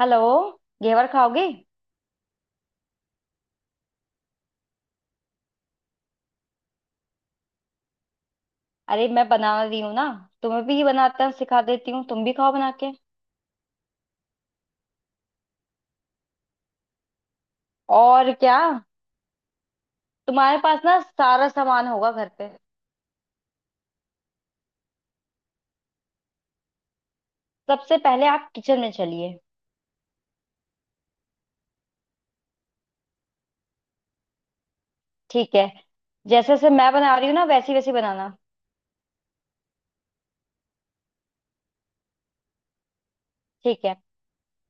Hello. घेवर खाओगे? अरे मैं बना रही हूँ ना। तुम्हें भी बनाता सिखा देती हूँ, तुम भी खाओ बना के। और क्या, तुम्हारे पास ना सारा सामान होगा घर पे। सबसे पहले आप किचन में चलिए। ठीक है, जैसे जैसे मैं बना रही हूँ ना वैसी वैसी बनाना। ठीक है।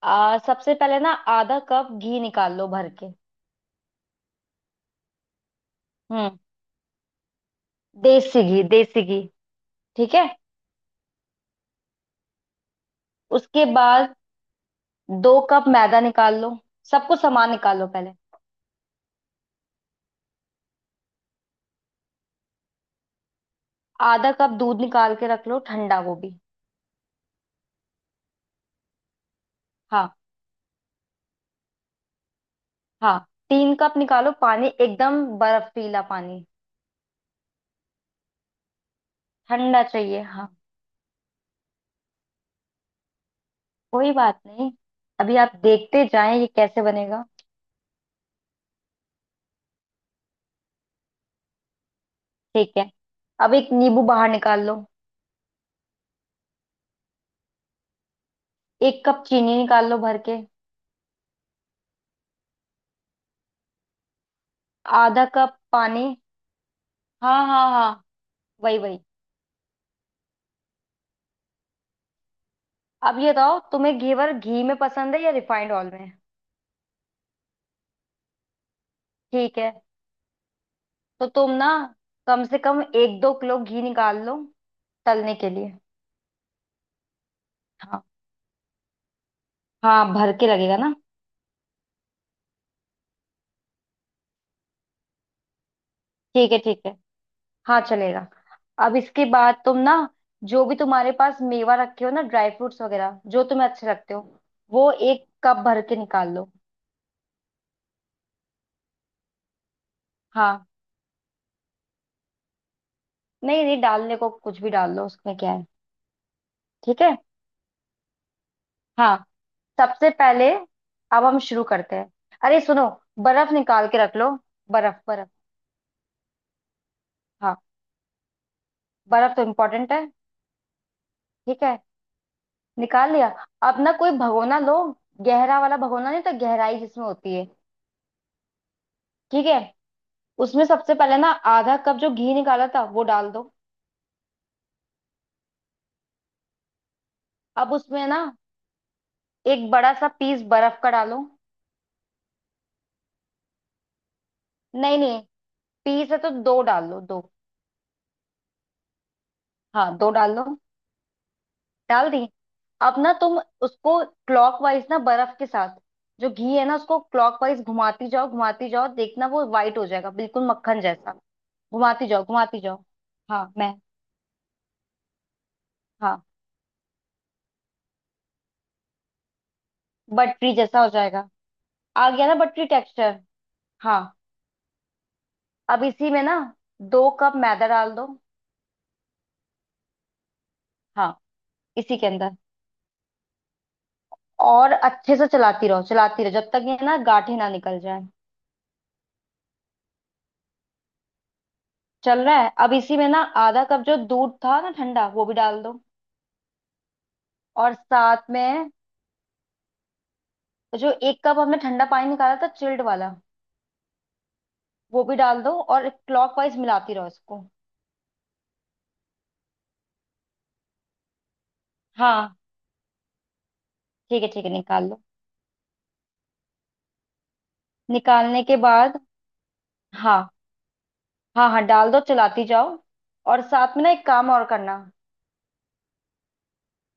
सबसे पहले ना आधा कप घी निकाल लो भर के। हम्म। देसी घी देसी घी। ठीक है। उसके बाद 2 कप मैदा निकाल लो, सब कुछ सामान निकाल लो पहले। आधा कप दूध निकाल के रख लो ठंडा, वो भी। हाँ, हाँ। 3 कप निकालो पानी, एकदम बर्फीला पानी। ठंडा चाहिए हाँ। कोई बात नहीं, अभी आप देखते जाएं ये कैसे बनेगा। ठीक है। अब एक नींबू बाहर निकाल लो। 1 कप चीनी निकाल लो भर के। आधा कप पानी। हाँ हाँ हाँ। वही वही। अब ये बताओ तुम्हें घेवर घी में पसंद है या रिफाइंड ऑयल में। ठीक है, तो तुम ना कम से कम एक दो किलो घी निकाल लो तलने के लिए। हाँ, हाँ भर के लगेगा ना। ठीक है ठीक है। हाँ चलेगा। अब इसके बाद तुम ना जो भी तुम्हारे पास मेवा रखे हो ना, ड्राई फ्रूट्स वगैरह, जो तुम्हें अच्छे लगते हो वो 1 कप भर के निकाल लो। हाँ। नहीं नहीं, डालने को कुछ भी डाल लो, उसमें क्या है। ठीक है। हाँ। सबसे पहले अब हम शुरू करते हैं। अरे सुनो, बर्फ निकाल के रख लो, बर्फ बर्फ। हाँ। बर्फ तो इम्पोर्टेंट है। ठीक है। निकाल लिया। अब ना कोई भगोना लो, गहरा वाला भगोना, नहीं तो गहराई जिसमें होती है। ठीक है। उसमें सबसे पहले ना आधा कप जो घी निकाला था वो डाल दो। अब उसमें ना एक बड़ा सा पीस बर्फ का डालो। नहीं नहीं, पीस है तो दो डाल लो, दो। हाँ दो डाल लो। डाल दी। अब ना तुम उसको क्लॉकवाइज ना, बर्फ के साथ, जो घी है ना उसको क्लॉकवाइज घुमाती जाओ घुमाती जाओ, देखना वो वाइट हो जाएगा बिल्कुल मक्खन जैसा। घुमाती जाओ घुमाती जाओ। हाँ मैं। हाँ। बटरी जैसा हो जाएगा। आ गया ना बटरी टेक्सचर? हाँ। अब इसी में ना 2 कप मैदा डाल दो। हाँ, इसी के अंदर। और अच्छे से चलाती रहो चलाती रहो, जब तक ये ना गांठें ना निकल जाए। चल रहा है, अब इसी में ना आधा कप जो दूध था ना ठंडा वो भी डाल दो। और साथ में जो 1 कप हमने ठंडा पानी निकाला था चिल्ड वाला, वो भी डाल दो और क्लॉकवाइज मिलाती रहो इसको। हाँ। ठीक है निकाल लो। निकालने के बाद हाँ हाँ हाँ डाल दो, चलाती जाओ। और साथ में ना एक काम और करना,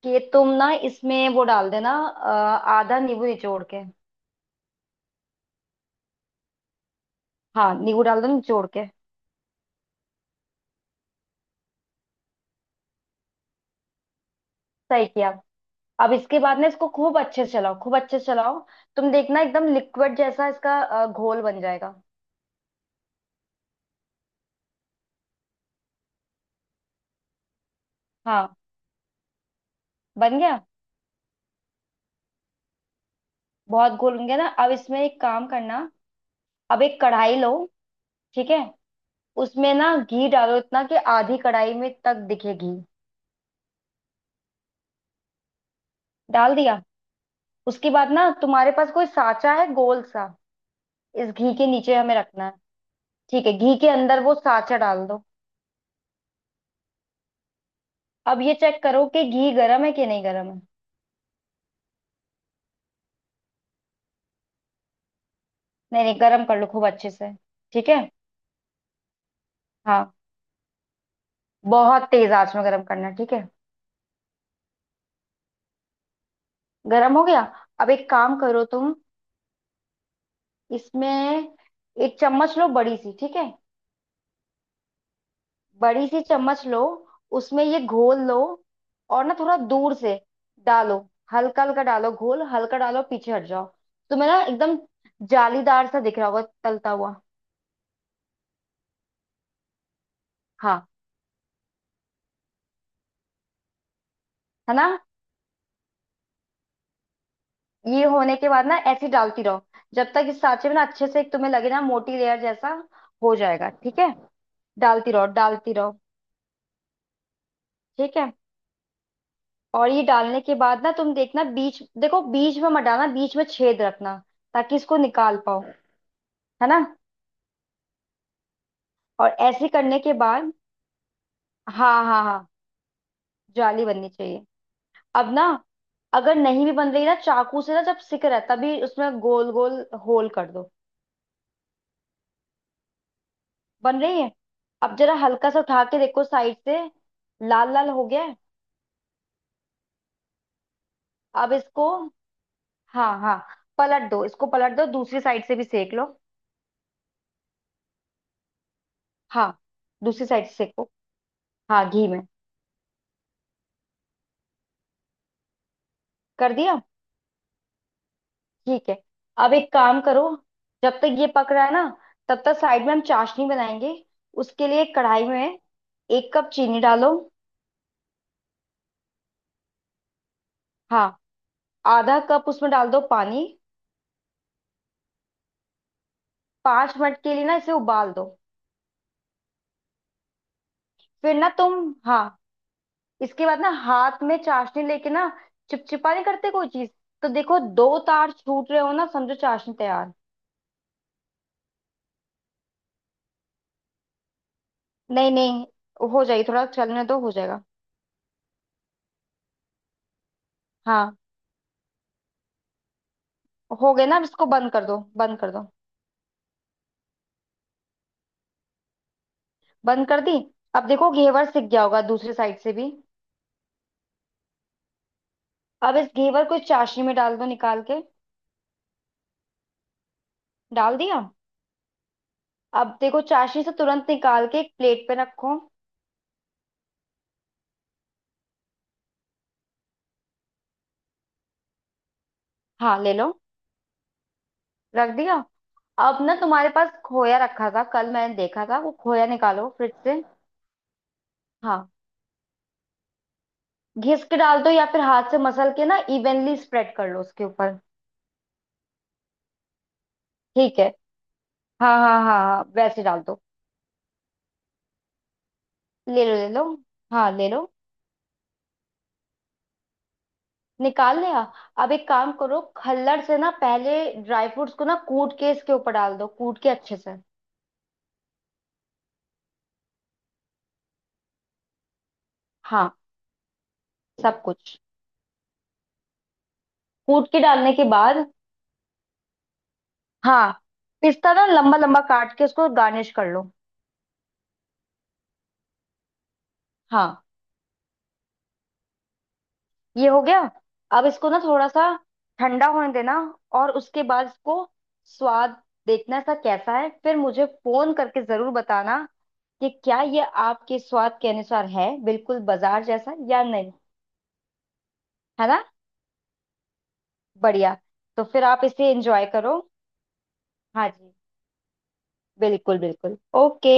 कि तुम ना इसमें वो डाल देना आधा नींबू निचोड़ के। हाँ नींबू डाल दो निचोड़ के। सही किया। अब इसके बाद ना इसको खूब अच्छे से चलाओ खूब अच्छे से चलाओ। तुम देखना एकदम लिक्विड जैसा इसका घोल बन जाएगा। हाँ बन गया। बहुत घोल बन गया ना, अब इसमें एक काम करना। अब एक कढ़ाई लो। ठीक है। उसमें ना घी डालो इतना कि आधी कढ़ाई में तक दिखे घी। डाल दिया। उसके बाद ना तुम्हारे पास कोई साचा है गोल सा, इस घी के नीचे हमें रखना है। ठीक है, घी के अंदर वो साचा डाल दो। अब ये चेक करो कि घी गर्म है कि नहीं, गर्म है? नहीं नहीं गर्म कर लो खूब अच्छे से। ठीक है। हाँ, बहुत तेज आंच में गरम करना है, ठीक है। गरम हो गया। अब एक काम करो तुम, इसमें एक चम्मच लो बड़ी सी, ठीक है। बड़ी सी चम्मच लो, उसमें ये घोल लो और ना थोड़ा दूर से डालो। हल्का हल्का डालो घोल, हल्का डालो, पीछे हट जाओ। तुम्हें ना एकदम जालीदार सा दिख रहा होगा तलता हुआ। हाँ। है ना? ये होने के बाद ना ऐसे ही डालती रहो जब तक इस सांचे में ना अच्छे से एक तुम्हें लगे ना मोटी लेयर जैसा हो जाएगा, ठीक है। डालती रहो डालती रहो। ठीक है। और ये डालने के बाद ना तुम देखना, बीच देखो, बीच में मत डालना, बीच में छेद रखना, ताकि इसको निकाल पाओ। है ना? और ऐसे करने के बाद हाँ हाँ हाँ जाली बननी चाहिए। अब ना अगर नहीं भी बन रही ना चाकू से ना जब सिक रहा है तभी उसमें गोल गोल होल कर दो। बन रही है। अब जरा हल्का सा उठा के देखो साइड से, लाल लाल हो गया है। अब इसको हाँ हाँ पलट दो, इसको पलट दो दूसरी साइड से भी सेक लो। हाँ दूसरी साइड से सेको। हाँ घी में। कर दिया। ठीक है। अब एक काम करो, जब तक ये पक रहा है ना तब तक साइड में हम चाशनी बनाएंगे। उसके लिए कढ़ाई में एक कप चीनी डालो। हाँ। आधा कप उसमें डाल दो पानी। 5 मिनट के लिए ना इसे उबाल दो। फिर ना तुम हाँ इसके बाद ना हाथ में चाशनी लेके ना चिपचिपा नहीं करते कोई चीज, तो देखो 2 तार छूट रहे हो ना, समझो चाशनी तैयार। नहीं नहीं, हो जाएगी, थोड़ा चलने दो, हो जाएगा। हाँ हो गए ना, अब इसको बंद कर दो बंद कर दो। बंद कर दी। अब देखो घेवर सिक गया होगा दूसरी साइड से भी। अब इस घेवर को इस चाशनी में डाल दो निकाल के। डाल दिया। अब देखो चाशनी से तुरंत निकाल के एक प्लेट पे रखो। हाँ ले लो। रख दिया। अब ना तुम्हारे पास खोया रखा था, कल मैंने देखा था, वो खोया निकालो फ्रिज से। हाँ घिस के डाल दो, या फिर हाथ से मसल के ना इवनली स्प्रेड कर लो उसके ऊपर। ठीक है। हाँ हाँ हाँ हाँ वैसे डाल दो। ले लो ले लो। हाँ ले लो। निकाल लिया। अब एक काम करो, खल्लड़ से ना पहले ड्राई फ्रूट्स को ना कूट के इसके ऊपर डाल दो, कूट के अच्छे से। हाँ। सब कुछ। कूट के डालने के बाद हाँ, पिस्ता ना लंबा लंबा काट के उसको गार्निश कर लो। हाँ। ये हो गया। अब इसको ना थोड़ा सा ठंडा होने देना, और उसके बाद इसको स्वाद देखना इसका कैसा है, फिर मुझे फोन करके जरूर बताना कि क्या ये आपके स्वाद के अनुसार है बिल्कुल बाजार जैसा या नहीं। है ना? बढ़िया। तो फिर आप इसे एंजॉय करो। हाँ जी, बिल्कुल बिल्कुल। ओके।